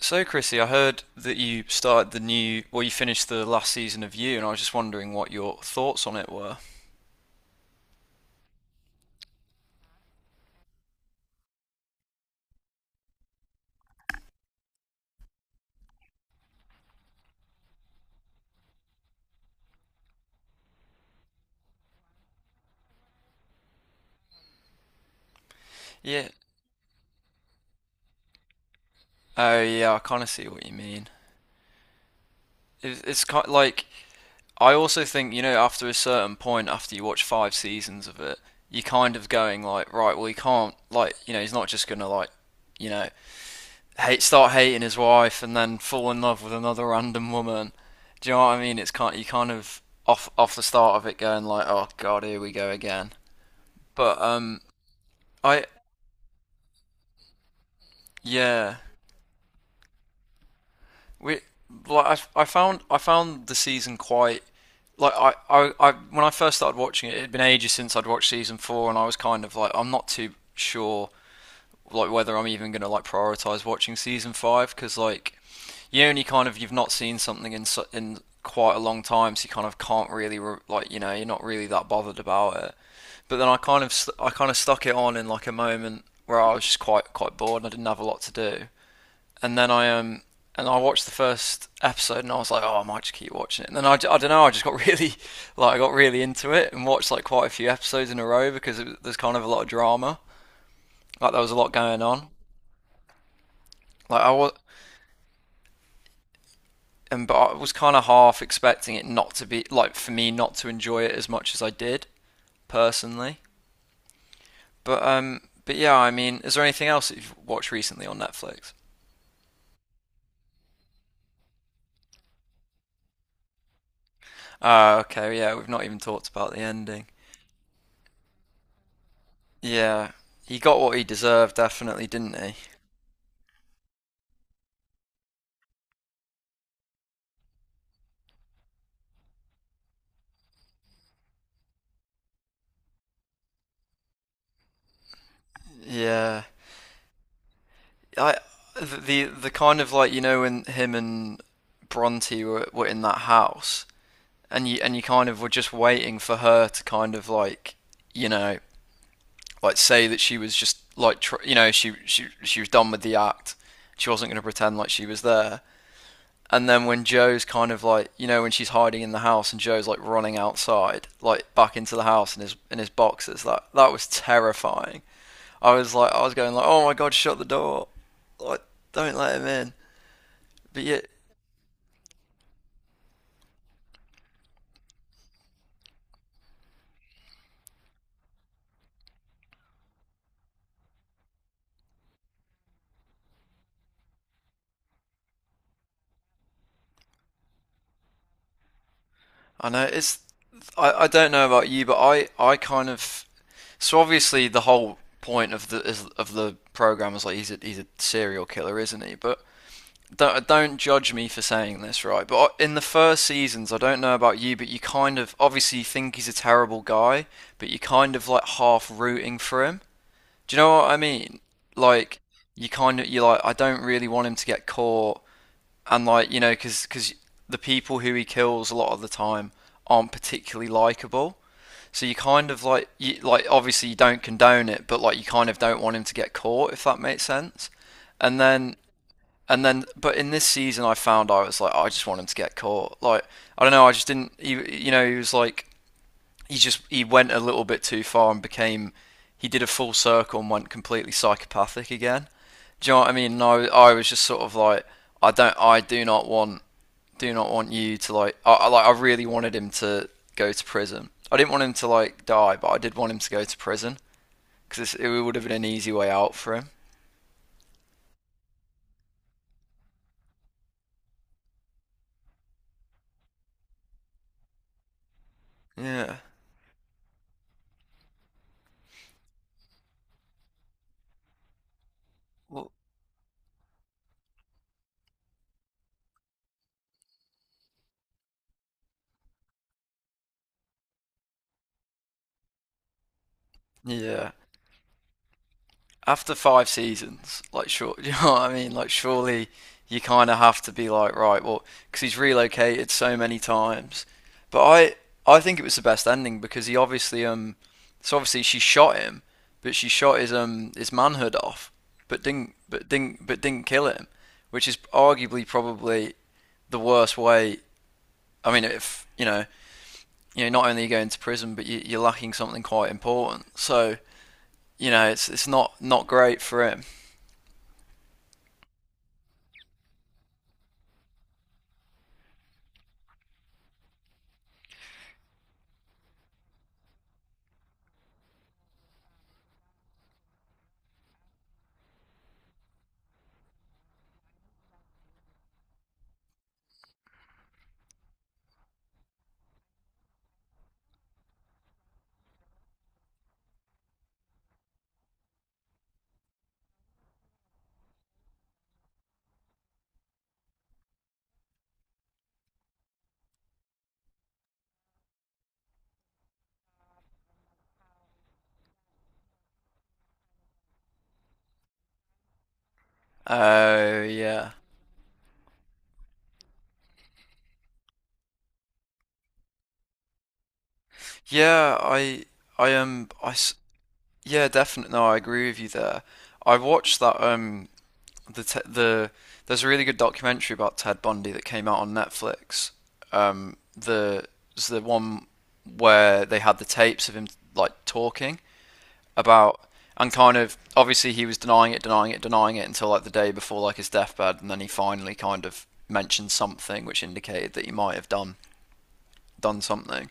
So, Chrissy, I heard that you started the new, well, you finished the last season of You, and I was just wondering what your thoughts on it were. Yeah. Oh, yeah, I kind of see what you mean. It's kind like I also think, after a certain point, after you watch five seasons of it, you're kind of going like, right, well, he can't, like, he's not just gonna like, you know, hate, start hating his wife and then fall in love with another random woman. Do you know what I mean? It's kind you kind of off the start of it going like, oh god, here we go again. But I yeah. We like I found the season quite like I when I first started watching it, it had been ages since I'd watched season four, and I was kind of like I'm not too sure like whether I'm even gonna like prioritize watching season five because like you only kind of you've not seen something in in quite a long time, so you kind of can't really like you're not really that bothered about it. But then I kind of I kind of stuck it on in like a moment where I was just quite bored and I didn't have a lot to do, and then I and I watched the first episode and I was like, oh, I might just keep watching it. And then I don't know, I just got really like I got really into it and watched like quite a few episodes in a row because there's kind of a lot of drama. Like there was a lot going on. Like I was and but I was kind of half expecting it not to be like for me not to enjoy it as much as I did personally. But but yeah, I mean, is there anything else that you've watched recently on Netflix? Ah, okay, yeah, we've not even talked about the ending. Yeah, he got what he deserved, definitely, didn't he? Yeah, I the kind of like when him and Bronte were in that house, and you kind of were just waiting for her to kind of like you know like say that she was just like she was done with the act. She wasn't going to pretend like she was there. And then when Joe's kind of like when she's hiding in the house and Joe's like running outside like back into the house in his boxes that was terrifying. I was like, I was going like, oh my god, shut the door, like don't let him in. But yet, I know it's. I don't know about you, but I kind of. So obviously, the whole point of of the program is like he's a serial killer, isn't he? But don't judge me for saying this, right? But in the first seasons, I don't know about you, but you kind of obviously you think he's a terrible guy, but you kind of like half rooting for him. Do you know what I mean? Like you kind of you're like I don't really want him to get caught and like because the people who he kills a lot of the time aren't particularly likable, so you kind of like you like obviously you don't condone it, but like you kind of don't want him to get caught if that makes sense. And then and then but in this season I found I was like, "Oh, I just want him to get caught, like I don't know, I just didn't you, you know he was like he just he went a little bit too far and became he did a full circle and went completely psychopathic again. Do you know what I mean?" And I was just sort of like I do not want you to like I like I really wanted him to go to prison. I didn't want him to like die, but I did want him to go to prison because it would have been an easy way out for him. Yeah. Well, yeah, after five seasons, like sure, you know what I mean? Like surely you kind of have to be like, right, well, because he's relocated so many times. But I think it was the best ending because he obviously, so obviously she shot him, but she shot his manhood off, but didn't, but didn't, but didn't kill him, which is arguably probably the worst way. I mean, if you know, you know, not only are you go into prison, but you're lacking something quite important. So you know, it's not not great for him. Oh yeah, yeah. I um I s- yeah definitely. No, I agree with you there. I watched that the there's a really good documentary about Ted Bundy that came out on Netflix. The it's the one where they had the tapes of him like talking about, and kind of obviously he was denying it until like the day before like his deathbed, and then he finally kind of mentioned something which indicated that he might have done something.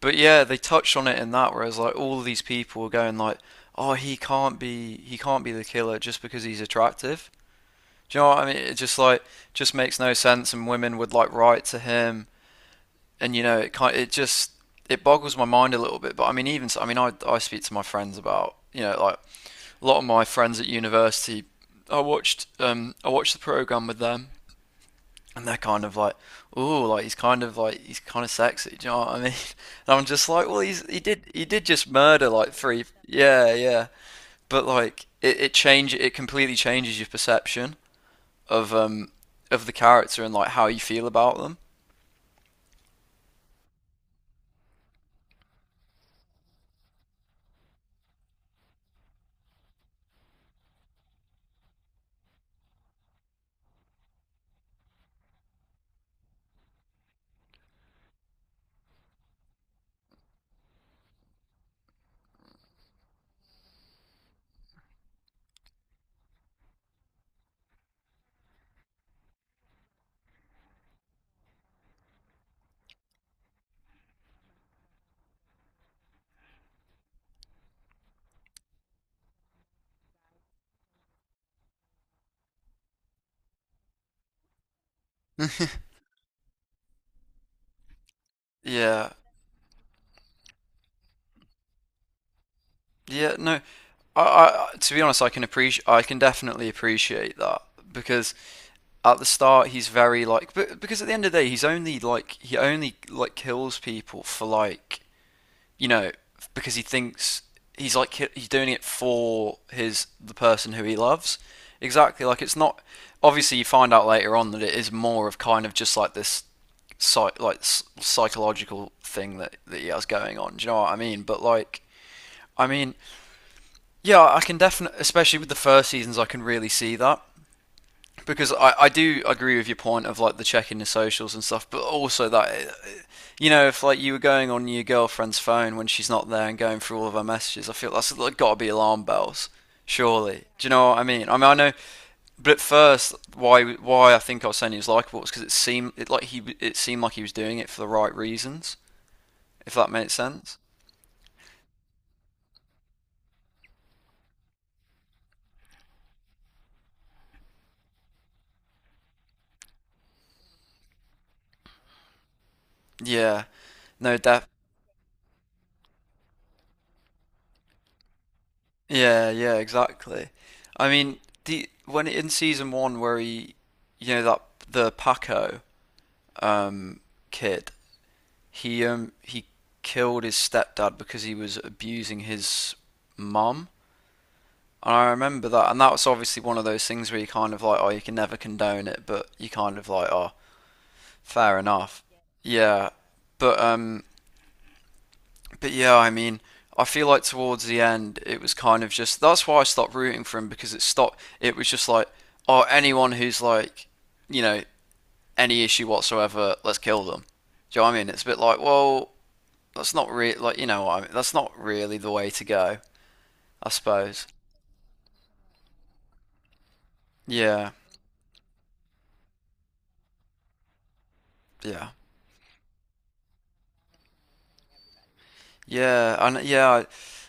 But yeah, they touched on it in that, whereas like all of these people were going like, "Oh, he can't be the killer just because he's attractive." Do you know what I mean? It just like just makes no sense, and women would like write to him, and it just it boggles my mind a little bit. But I mean, even so, I mean, I speak to my friends about like a lot of my friends at university. I watched the program with them, and they're kind of like, oh, like he's kind of sexy. Do you know what I mean? And I'm just like, well, he did just murder like three, yeah, yeah. But like it completely changes your perception of um of the character and like how you feel about them. Yeah, yeah, no. I, I to be honest, I can definitely appreciate that because at the start he's very like, but because at the end of the day he's only like he only like kills people for like you know, because he thinks he's doing it for his the person who he loves. Exactly. Like it's not. Obviously, you find out later on that it is more of kind of just like this, psych, like psychological thing that he has going on. Do you know what I mean? But like, I mean, yeah, I can definitely, especially with the first seasons, I can really see that because I do agree with your point of like the checking the socials and stuff, but also that you know, if like you were going on your girlfriend's phone when she's not there and going through all of her messages, I feel that's like, got to be alarm bells, surely. Do you know what I mean? I mean, I know, but at first, why I think I was saying he was likable was because it seemed like he was doing it for the right reasons, if that makes sense. Yeah, no, def yeah, yeah, exactly. I mean, the when in season one where he, you know, that the Paco um kid. He killed his stepdad because he was abusing his mum. And I remember that, and that was obviously one of those things where you kind of like, oh, you can never condone it, but you kind of like, oh, fair enough. Yeah, but um, but yeah, I mean, I feel like towards the end, it was kind of just that's why I stopped rooting for him because it stopped. It was just like, oh, anyone who's like, you know, any issue whatsoever, let's kill them. Do you know what I mean? It's a bit like, well, that's not really like you know what I mean, that's not really the way to go, I suppose. Yeah, yeah, yeah, and yeah,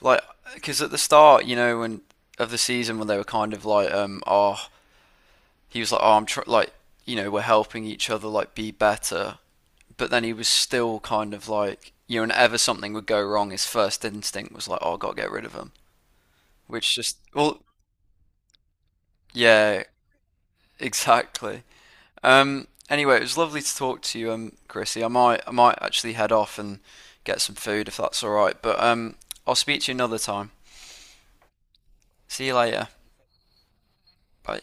like because at the start, you know, when of the season when they were kind of like, oh, he was like, oh, I'm tr like, you know, we're helping each other like be better, but then he was still kind of like, you know, whenever something would go wrong, his first instinct was like, oh, I gotta get rid of him, which just, well, yeah, exactly. Anyway, it was lovely to talk to you, Chrissy. I might actually head off and get some food if that's all right. But I'll speak to you another time. See you later. Bye.